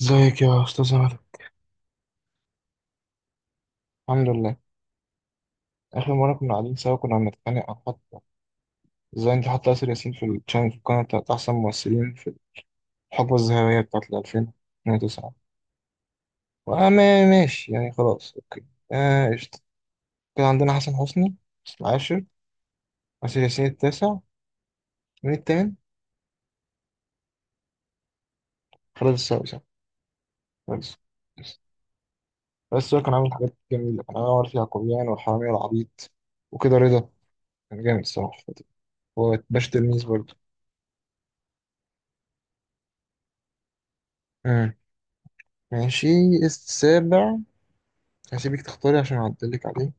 ازيك يا استاذ عمر. الحمد لله. اخر مره كنا قاعدين سوا كنا بنتخانق عن حط، ازاي انت حاطه ياسر ياسين في الشانل، في القناه بتاعت احسن ممثلين في الحقبه الذهبيه بتاعت 2009. وانا ماشي يعني، خلاص اوكي. آه قشطه. كان عندنا حسن حسني العاشر، ياسر ياسين التاسع، مين التامن؟ خالد السادس. بس بس هو كان عامل حاجات جميله، كان عامل في يعقوبيان والحرامية والعبيط وكده رضا. كان جامد الصراحه، هو باش تلميذ برضه. مم. ماشي. السابع، هسيبك تختاري عشان اعدلك عليه.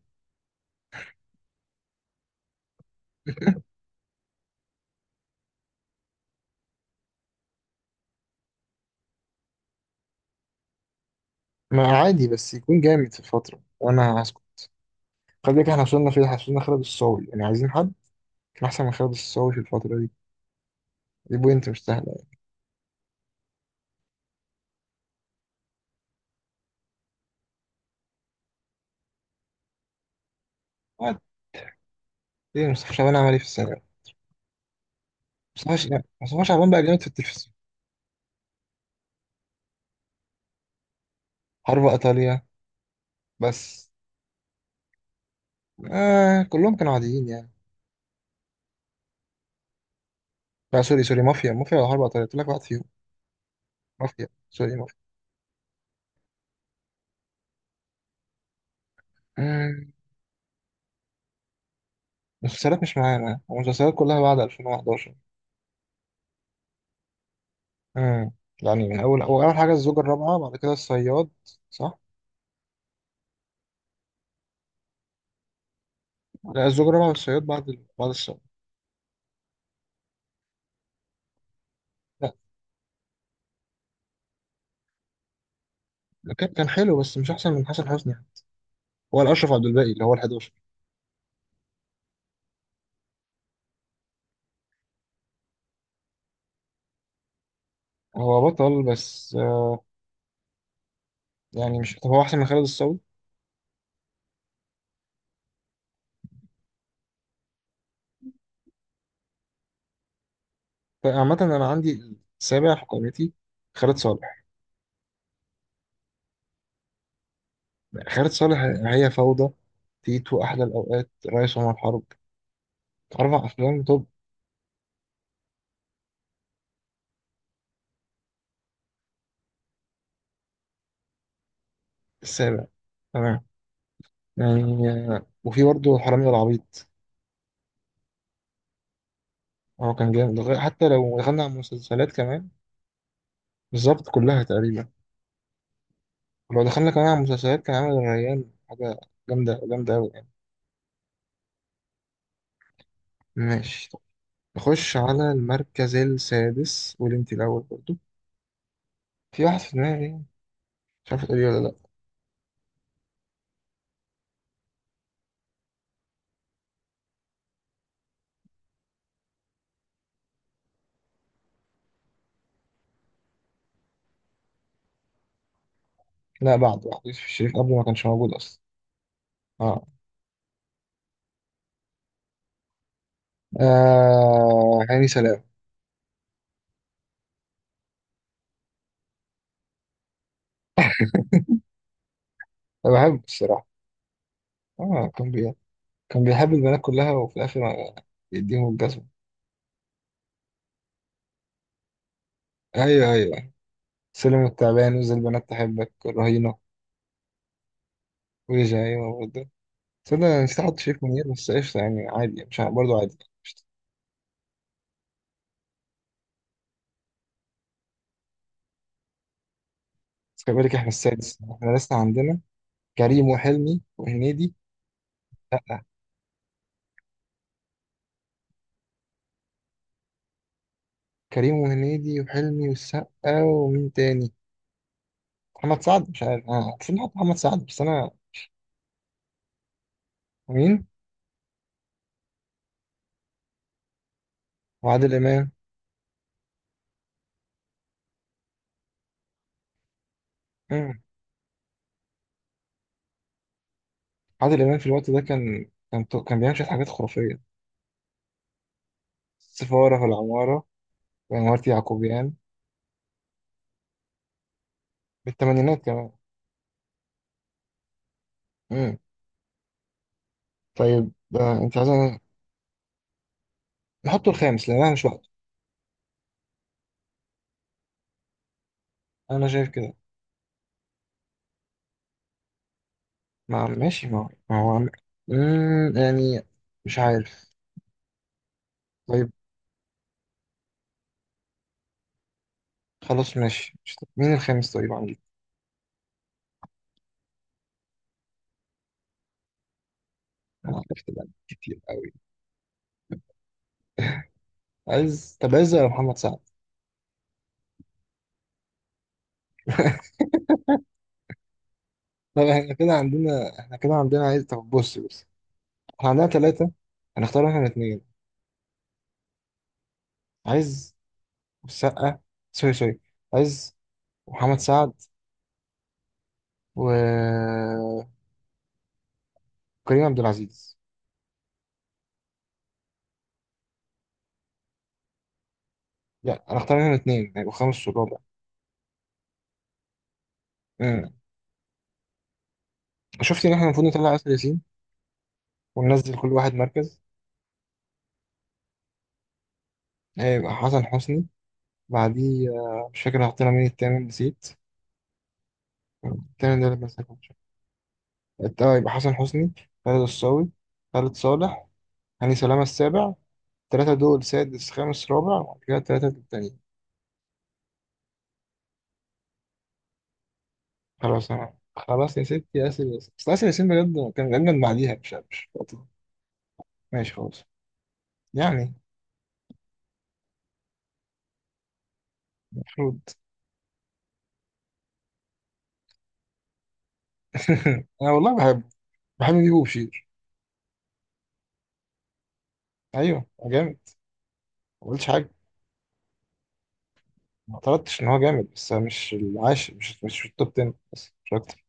ما عادي بس يكون جامد في الفترة وانا هسكت. خلي بالك احنا وصلنا فين، احنا وصلنا خالد الصاوي، يعني عايزين حد كان احسن من خالد الصاوي في الفترة دي، دي بوينت مش سهلة يعني. عادي، ايه مصطفى شعبان عمل ايه في الثانوي؟ مصطفى ش- مصطفى شعبان بقى جامد في التلفزيون. حرب ايطاليا بس. آه كلهم كانوا عاديين يعني. لا سوري، مافيا، ولا حرب ايطاليا، قلت لك واحد فيهم. مافيا، سوري مافيا. مم، المسلسلات مش معانا، المسلسلات كلها بعد 2011. امم، يعني من اول اول أول حاجة الزوجة الرابعة، بعد كده الصياد. صح. لا الزجرة مع الصياد، بعد بعد الصياد. لا كان، حلو بس مش أحسن من حسن حسني يعني. هو الأشرف عبد الباقي اللي هو ال11. هو بطل بس آه يعني مش، طب هو أحسن من خالد الصاوي. فعامة أنا عندي السابع في قائمتي خالد صالح. خالد صالح، هي فوضى، تيتو، أحلى الأوقات، رئيس عمر حرب، أربع أفلام توب. السابع، تمام. يعني آه، وفي برضه حرامي العبيط. هو كان جامد حتى لو دخلنا على المسلسلات كمان. بالظبط كلها تقريبا. لو دخلنا كمان على المسلسلات كان عامل الريان، حاجة جامدة، جامدة أوي يعني. ماشي طب، نخش على المركز السادس، واللي انت الأول برضو. في واحد في دماغي، مش عارف تقولي ولا لأ. لا بعد واحد، يوسف الشريف قبل ما كانش موجود أصلا. اه، آه هاني سلام. أنا بحبه الصراحة. اه كان بيحب البنات كلها وفي الآخر يديهم الجزمة. أيوه أيوه، سلم التعبان وزي البنات تحبك الرهينة. ويجي أيوه برضه. تصدق أنا نسيت أحط شريف منير، بس قشطة يعني عادي، مش ع- برضه عادي. بس خلي بالك احنا السادس، احنا لسه عندنا كريم وحلمي وهنيدي. لا كريم وهنيدي وحلمي والسقا، ومين تاني؟ محمد سعد، مش عارف اه بس نحط محمد سعد، بس انا مين؟ وعادل امام. مم. عادل امام في الوقت ده كان بيعمل شويه حاجات خرافيه. السفاره في العماره، وعماره يعقوبيان. بالثمانينات كمان. مم. طيب آه انت عايز؟ نحطه الخامس لان انا مش وقته. انا شايف كده. ما ماشي ما ما هو عم- مم، يعني مش عارف. طيب، خلاص ماشي، مش طب مين الخامس طيب عندي؟ انا عرفت بقى كتير قوي. عايز، طب عايز يا محمد سعد. طب احنا كده عندنا، عايز، طب بص، احنا عندنا ثلاثة، هنختار احنا الاثنين. عايز السقا، سوري سوري. عايز محمد سعد و كريم عبد العزيز. لا هنختار احنا الاثنين، هيبقى خامس والرابع. امم، شفت ان احنا المفروض نطلع آسر ياسين وننزل كل واحد مركز. هيبقى حسن حسني بعديه، آه، مش فاكر حطينا مين التامن، نسيت. التامن ده اللي مسكه. التاني يبقى حسن حسني، خالد الصاوي، خالد صالح، هاني سلامة السابع. التلاتة دول سادس خامس رابع، وبعد كده التلاتة التانيين. خلاص أنا، خلاص يا ستي ياسر ياسين، بس ياسر ياسين بجد كان أجمد بعديها، مش ماشي، خلاص يعني المفروض. أنا والله بحب، بحب بيبو وبشير. أيوه هو جامد. ما قلتش حاجة، ما اعترضتش إن هو جامد، بس مش العاشر، مش في التوب 10، بس مش أكتر.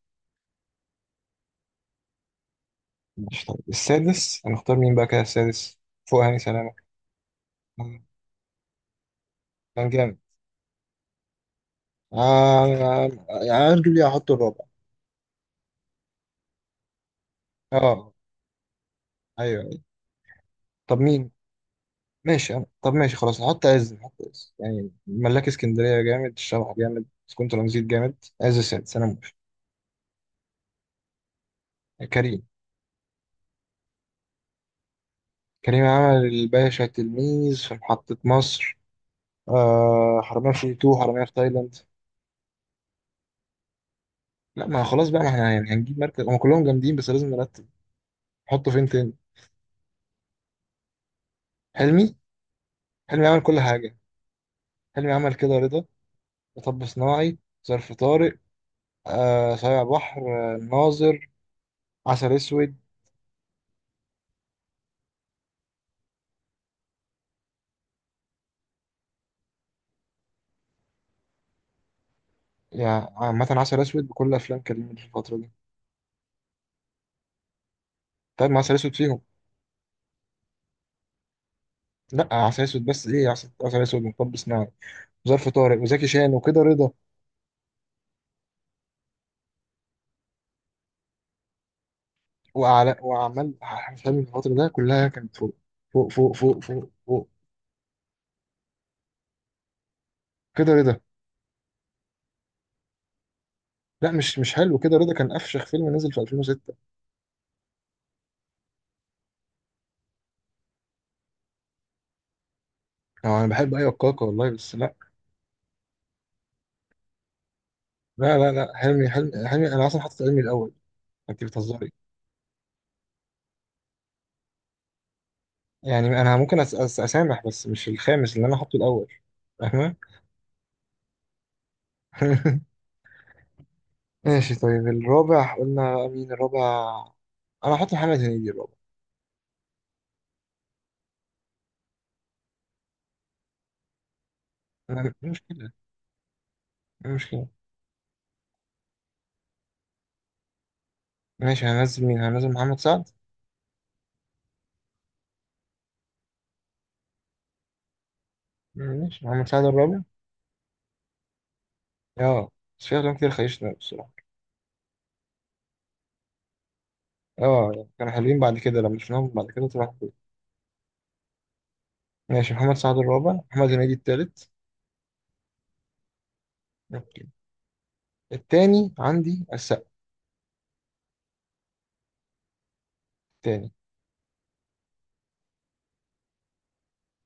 مش طيب. السادس هنختار مين بقى كده؟ السادس فوق هاني سلامة؟ كان جامد آه. يعني هتجيب لي، هحط الرابع. اه ايوه ايوه. طب مين؟ ماشي أنا. طب ماشي خلاص، نحط عز، يعني ملاك اسكندريه جامد، الشبح جامد، سكون ترانزيت جامد. عز السادس، انا موافق. كريم، كريم عمل الباشا تلميذ، في محطه مصر، آه حرامية في تو، حرامية في تايلاند. لا ما خلاص بقى، ما احنا يعني هنجيب مركز، هم كلهم جامدين بس لازم نرتب. نحطه فين تاني؟ حلمي، حلمي عمل كل حاجه. حلمي عمل كده رضا، مطب صناعي، ظرف طارق، آه صايع بحر، آه ناظر، عسل اسود. يعني عامة عسل اسود بكل افلام كريم في الفترة دي. طيب ما عسل اسود فيهم. لا عسل اسود بس، ايه عسل، اسود ومطب صناعي وظرف طارق وزكي شان وكده رضا. وأعلى، وأعمال حلمي في الفترة ده كلها كانت فوق، فوق. كده رضا، لا مش حلو، كده رضا كان افشخ فيلم نزل في 2006. أو انا بحب ايوه كاكا والله بس لا. حلمي، انا اصلا حاطط حلمي الاول، انت بتهزري. يعني انا ممكن أس أس اسامح، بس مش الخامس اللي انا حاطه الاول. فاهمه؟ ماشي طيب، الرابع قلنا مين الرابع؟ انا هحط محمد هنيدي الرابع. مش كده، مش كده. ماشي هنزل مين؟ هنزل محمد سعد. ماشي محمد سعد الرابع. اه بس في افلام كتير خيشنا بصراحه. اه يعني كانوا حلوين، بعد كده لما شفناهم بعد كده طلعوا حلوين. ماشي، محمد سعد الرابع، محمد هنيدي التالت. اوكي. التاني عندي السقا. التاني،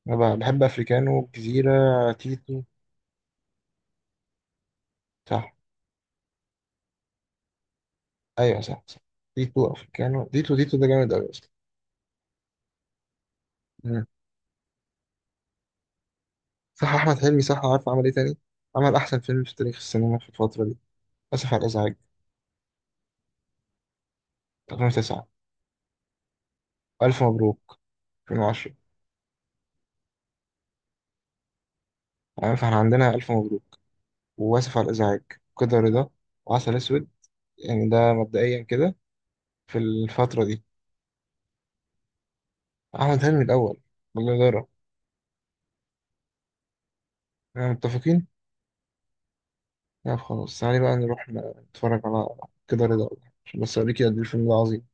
انا بحب افريكانو، جزيره، تيتو. صح. ايوه صح صح. ديتو، افريكانو، ديتو ده جامد قوي اصلا. مم. صح احمد حلمي، صح عارف عمل ايه تاني؟ عمل احسن فيلم في تاريخ السينما في الفتره دي، اسف على الازعاج 2009. الف مبروك 2010. يعني فاحنا عندنا الف مبروك، واسف على الازعاج، كده رضا، وعسل اسود، يعني ده مبدئيا كده في الفتره دي. احمد حلمي الاول بالجدارة، احنا متفقين. لا خلاص، تعالي بقى نروح نتفرج على كده رضا، عشان بس اوريكي قد ايه الفيلم ده عظيم.